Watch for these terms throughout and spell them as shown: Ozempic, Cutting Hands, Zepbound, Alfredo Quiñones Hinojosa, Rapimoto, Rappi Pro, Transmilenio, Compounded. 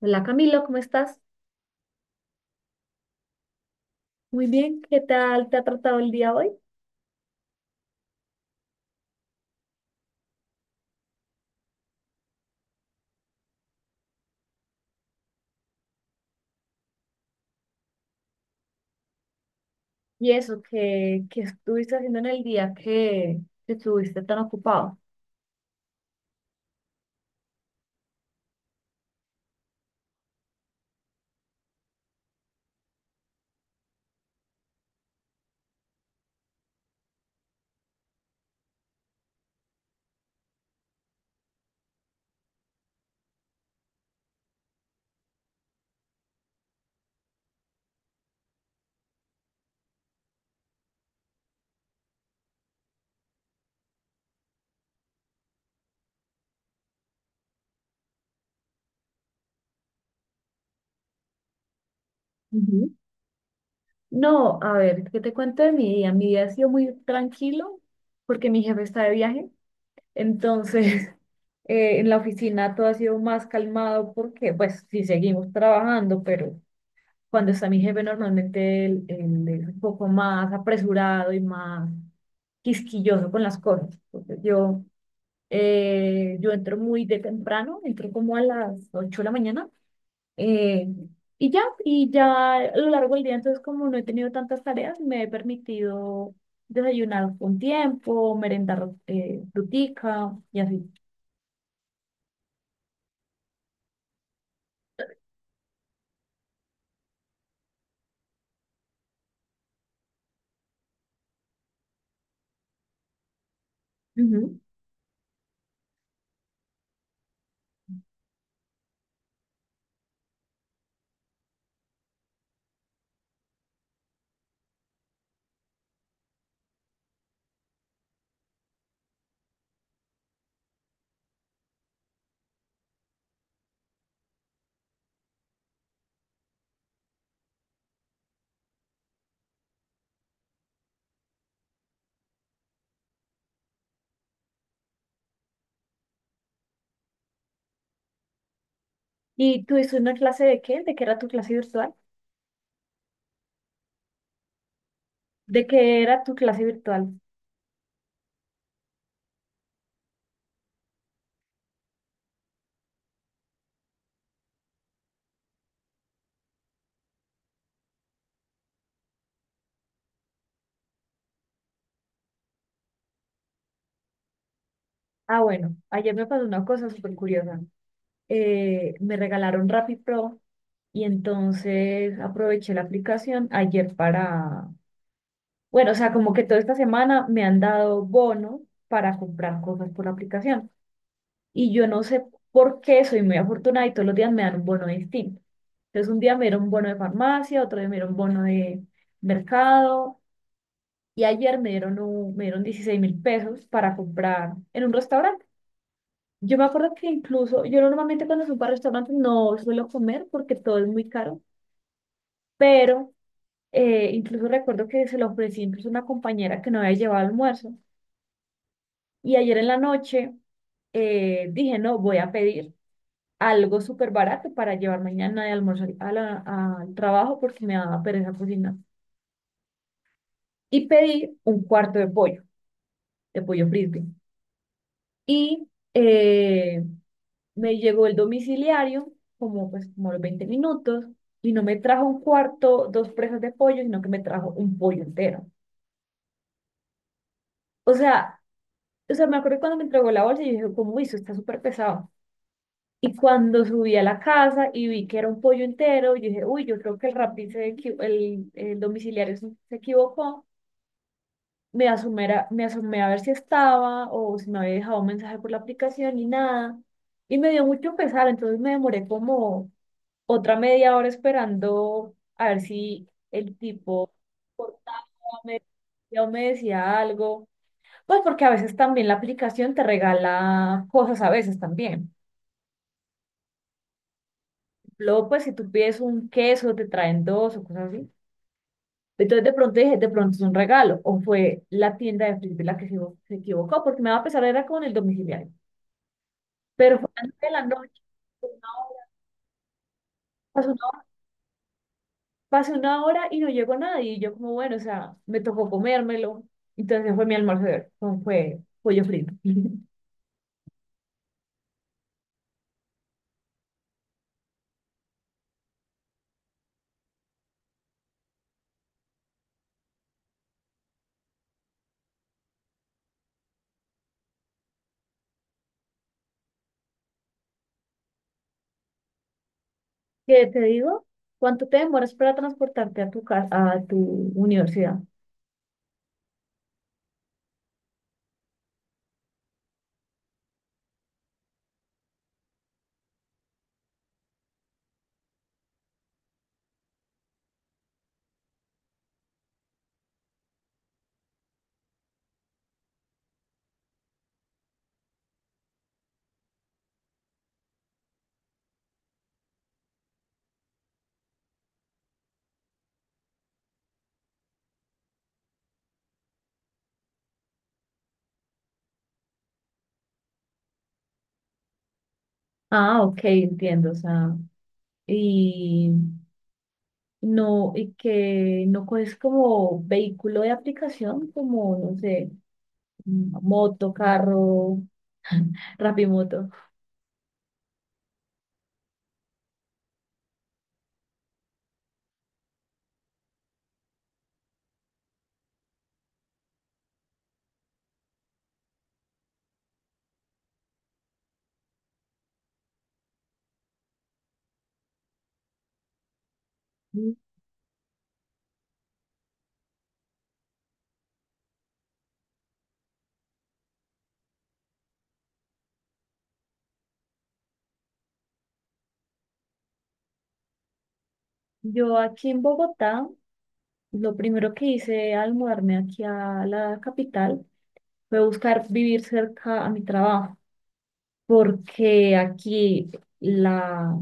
Hola Camilo, ¿cómo estás? Muy bien, ¿qué tal te ha tratado el día hoy? Y eso, ¿qué estuviste haciendo en el día que estuviste tan ocupado? Ujú. No, a ver, ¿qué te cuento de mi día? Mi día ha sido muy tranquilo porque mi jefe está de viaje, entonces en la oficina todo ha sido más calmado porque pues sí seguimos trabajando, pero cuando está mi jefe normalmente él es un poco más apresurado y más quisquilloso con las cosas. Entonces yo. Yo entro muy de temprano, entro como a las 8 de la mañana. eh, y ya a lo largo del día, entonces como no he tenido tantas tareas, me he permitido desayunar con tiempo, merendar frutica y así. Ujú. ¿Y tú hiciste una clase de qué? ¿De qué era tu clase virtual? ¿De qué era tu clase virtual? Ah, bueno, ayer me pasó una cosa súper curiosa. Me regalaron Rappi Pro y entonces aproveché la aplicación ayer para. Bueno, o sea, como que toda esta semana me han dado bono para comprar cosas por la aplicación. Y yo no sé por qué soy muy afortunada y todos los días me dan un bono distinto. Entonces, un día me dieron un bono de farmacia, otro día me dieron un bono de mercado. Y ayer me dieron, me dieron 16.000 pesos para comprar en un restaurante. Yo me acuerdo que incluso, yo normalmente cuando subo a restaurantes no suelo comer porque todo es muy caro, pero incluso recuerdo que se lo ofrecí incluso a una compañera que no había llevado almuerzo. Y ayer en la noche dije, no, voy a pedir algo súper barato para llevar mañana de almorzar a al trabajo porque me daba pereza cocinar. Y pedí un cuarto de pollo frisbee. Y eh, me llegó el domiciliario como, pues, como a los 20 minutos, y no me trajo un cuarto, dos presas de pollo, sino que me trajo un pollo entero. O sea, o sea, me acuerdo cuando me entregó la bolsa y yo dije, cómo hizo, está súper pesado. Y cuando subí a la casa y vi que era un pollo entero, yo dije, uy, yo creo que el Rappi, el domiciliario se equivocó. Me asomé a ver si estaba o si me había dejado un mensaje por la aplicación y nada. Y me dio mucho pesar, entonces me demoré como otra media hora esperando a ver si el tipo cortaba, me, o me decía algo. Pues porque a veces también la aplicación te regala cosas, a veces también. Luego, pues, si tú pides un queso, te traen dos o cosas así. Entonces, de pronto dije, de pronto es un regalo. O fue la tienda de Felipe la que se equivocó, porque me va a pesar, era con el domiciliario. Pero fue antes de la noche, una hora, pasó una hora, pasó una hora y no llegó nadie. Y yo como, bueno, o sea, me tocó comérmelo. Entonces fue mi almuerzo de hoy, fue pollo frito. ¿Qué te digo? ¿Cuánto te demoras para transportarte a tu casa, a tu universidad? Ah, ok, entiendo, o sea. Y. No, y que no es como vehículo de aplicación, como, no sé, moto, carro, Rapimoto. Yo aquí en Bogotá, lo primero que hice al mudarme aquí a la capital fue buscar vivir cerca a mi trabajo, porque aquí la,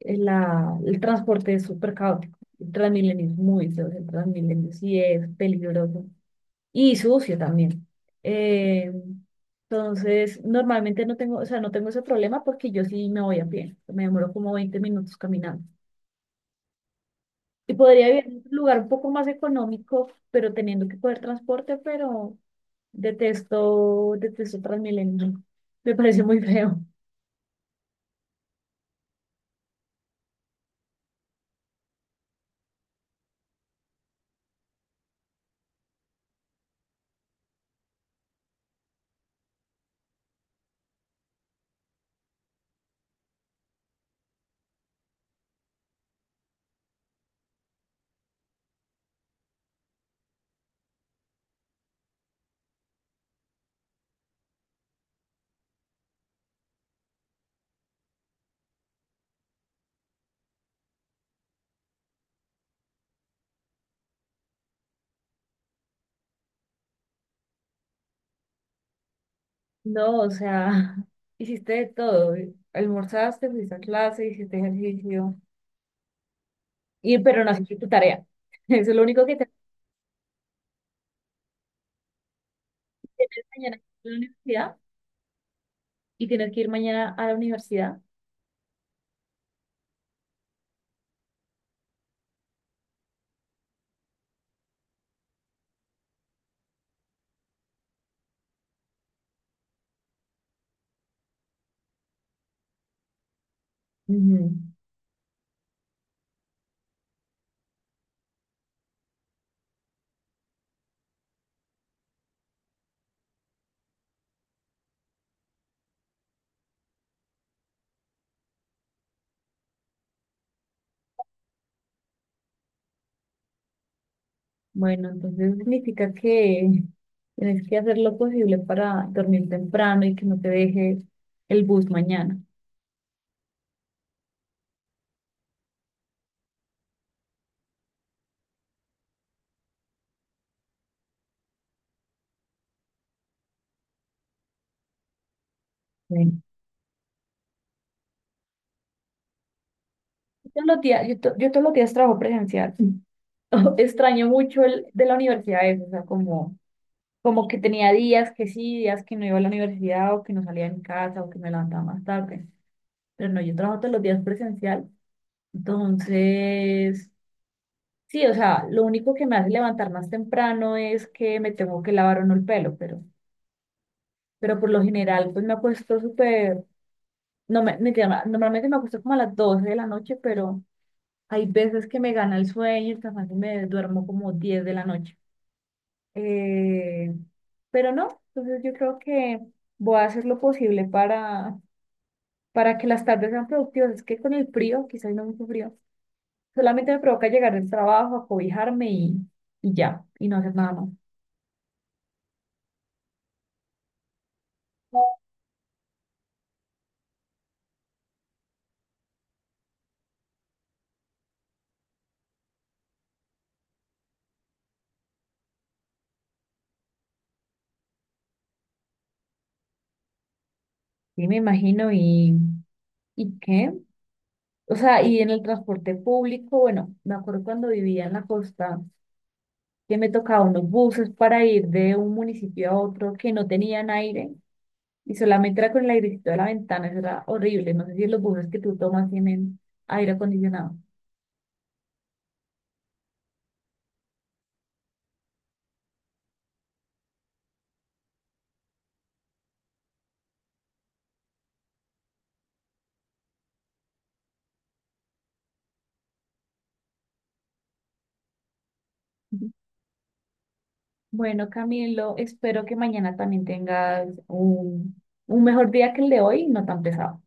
el transporte es súper caótico. El Transmilenio es muy feo, el Transmilenio sí es peligroso. Y sucio también. Eh, entonces, normalmente no tengo, o sea, no tengo ese problema porque yo sí me voy a pie. Me demoro como 20 minutos caminando. Y podría vivir en un lugar un poco más económico, pero teniendo que coger transporte, pero detesto, detesto Transmilenio. Me parece muy feo. No, o sea, hiciste de todo. Almorzaste, fuiste a clase, hiciste ejercicio. Y, pero no hiciste tu tarea. Eso es lo único que te hace mañana en la universidad y tienes que ir mañana a la universidad. Ujú. Bueno, entonces significa que tienes que hacer lo posible para dormir temprano y que no te deje el bus mañana. Sí. Yo todos los días trabajo presencial. Extraño mucho el de la universidad eso, o sea, como, como que tenía días que sí, días que no iba a la universidad o que no salía en casa o que me levantaba más tarde. Pero no, yo trabajo todos los días presencial. Entonces, sí, o sea, lo único que me hace levantar más temprano es que me tengo que lavar o no el pelo, pero por lo general, pues me acuesto súper, no me, mentira, normalmente me acuesto como a las 12 de la noche, pero hay veces que me gana el sueño, y el cansancio y me duermo como 10 de la noche. Eh, pero no, entonces yo creo que voy a hacer lo posible para, que las tardes sean productivas. Es que con el frío, quizás no mucho frío, solamente me provoca llegar del trabajo, acobijarme y ya, y no hacer nada más. Sí, me imagino, ¿y qué? O sea, y en el transporte público, bueno, me acuerdo cuando vivía en la costa, que me tocaba unos buses para ir de un municipio a otro que no tenían aire y solamente era con el airecito de la ventana, eso era horrible. No sé si los buses que tú tomas tienen aire acondicionado. Ujú. Bueno, Camilo, espero que mañana también tengas un mejor día que el de hoy, no tan pesado.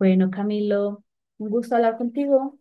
Bueno, Camilo, un gusto hablar contigo.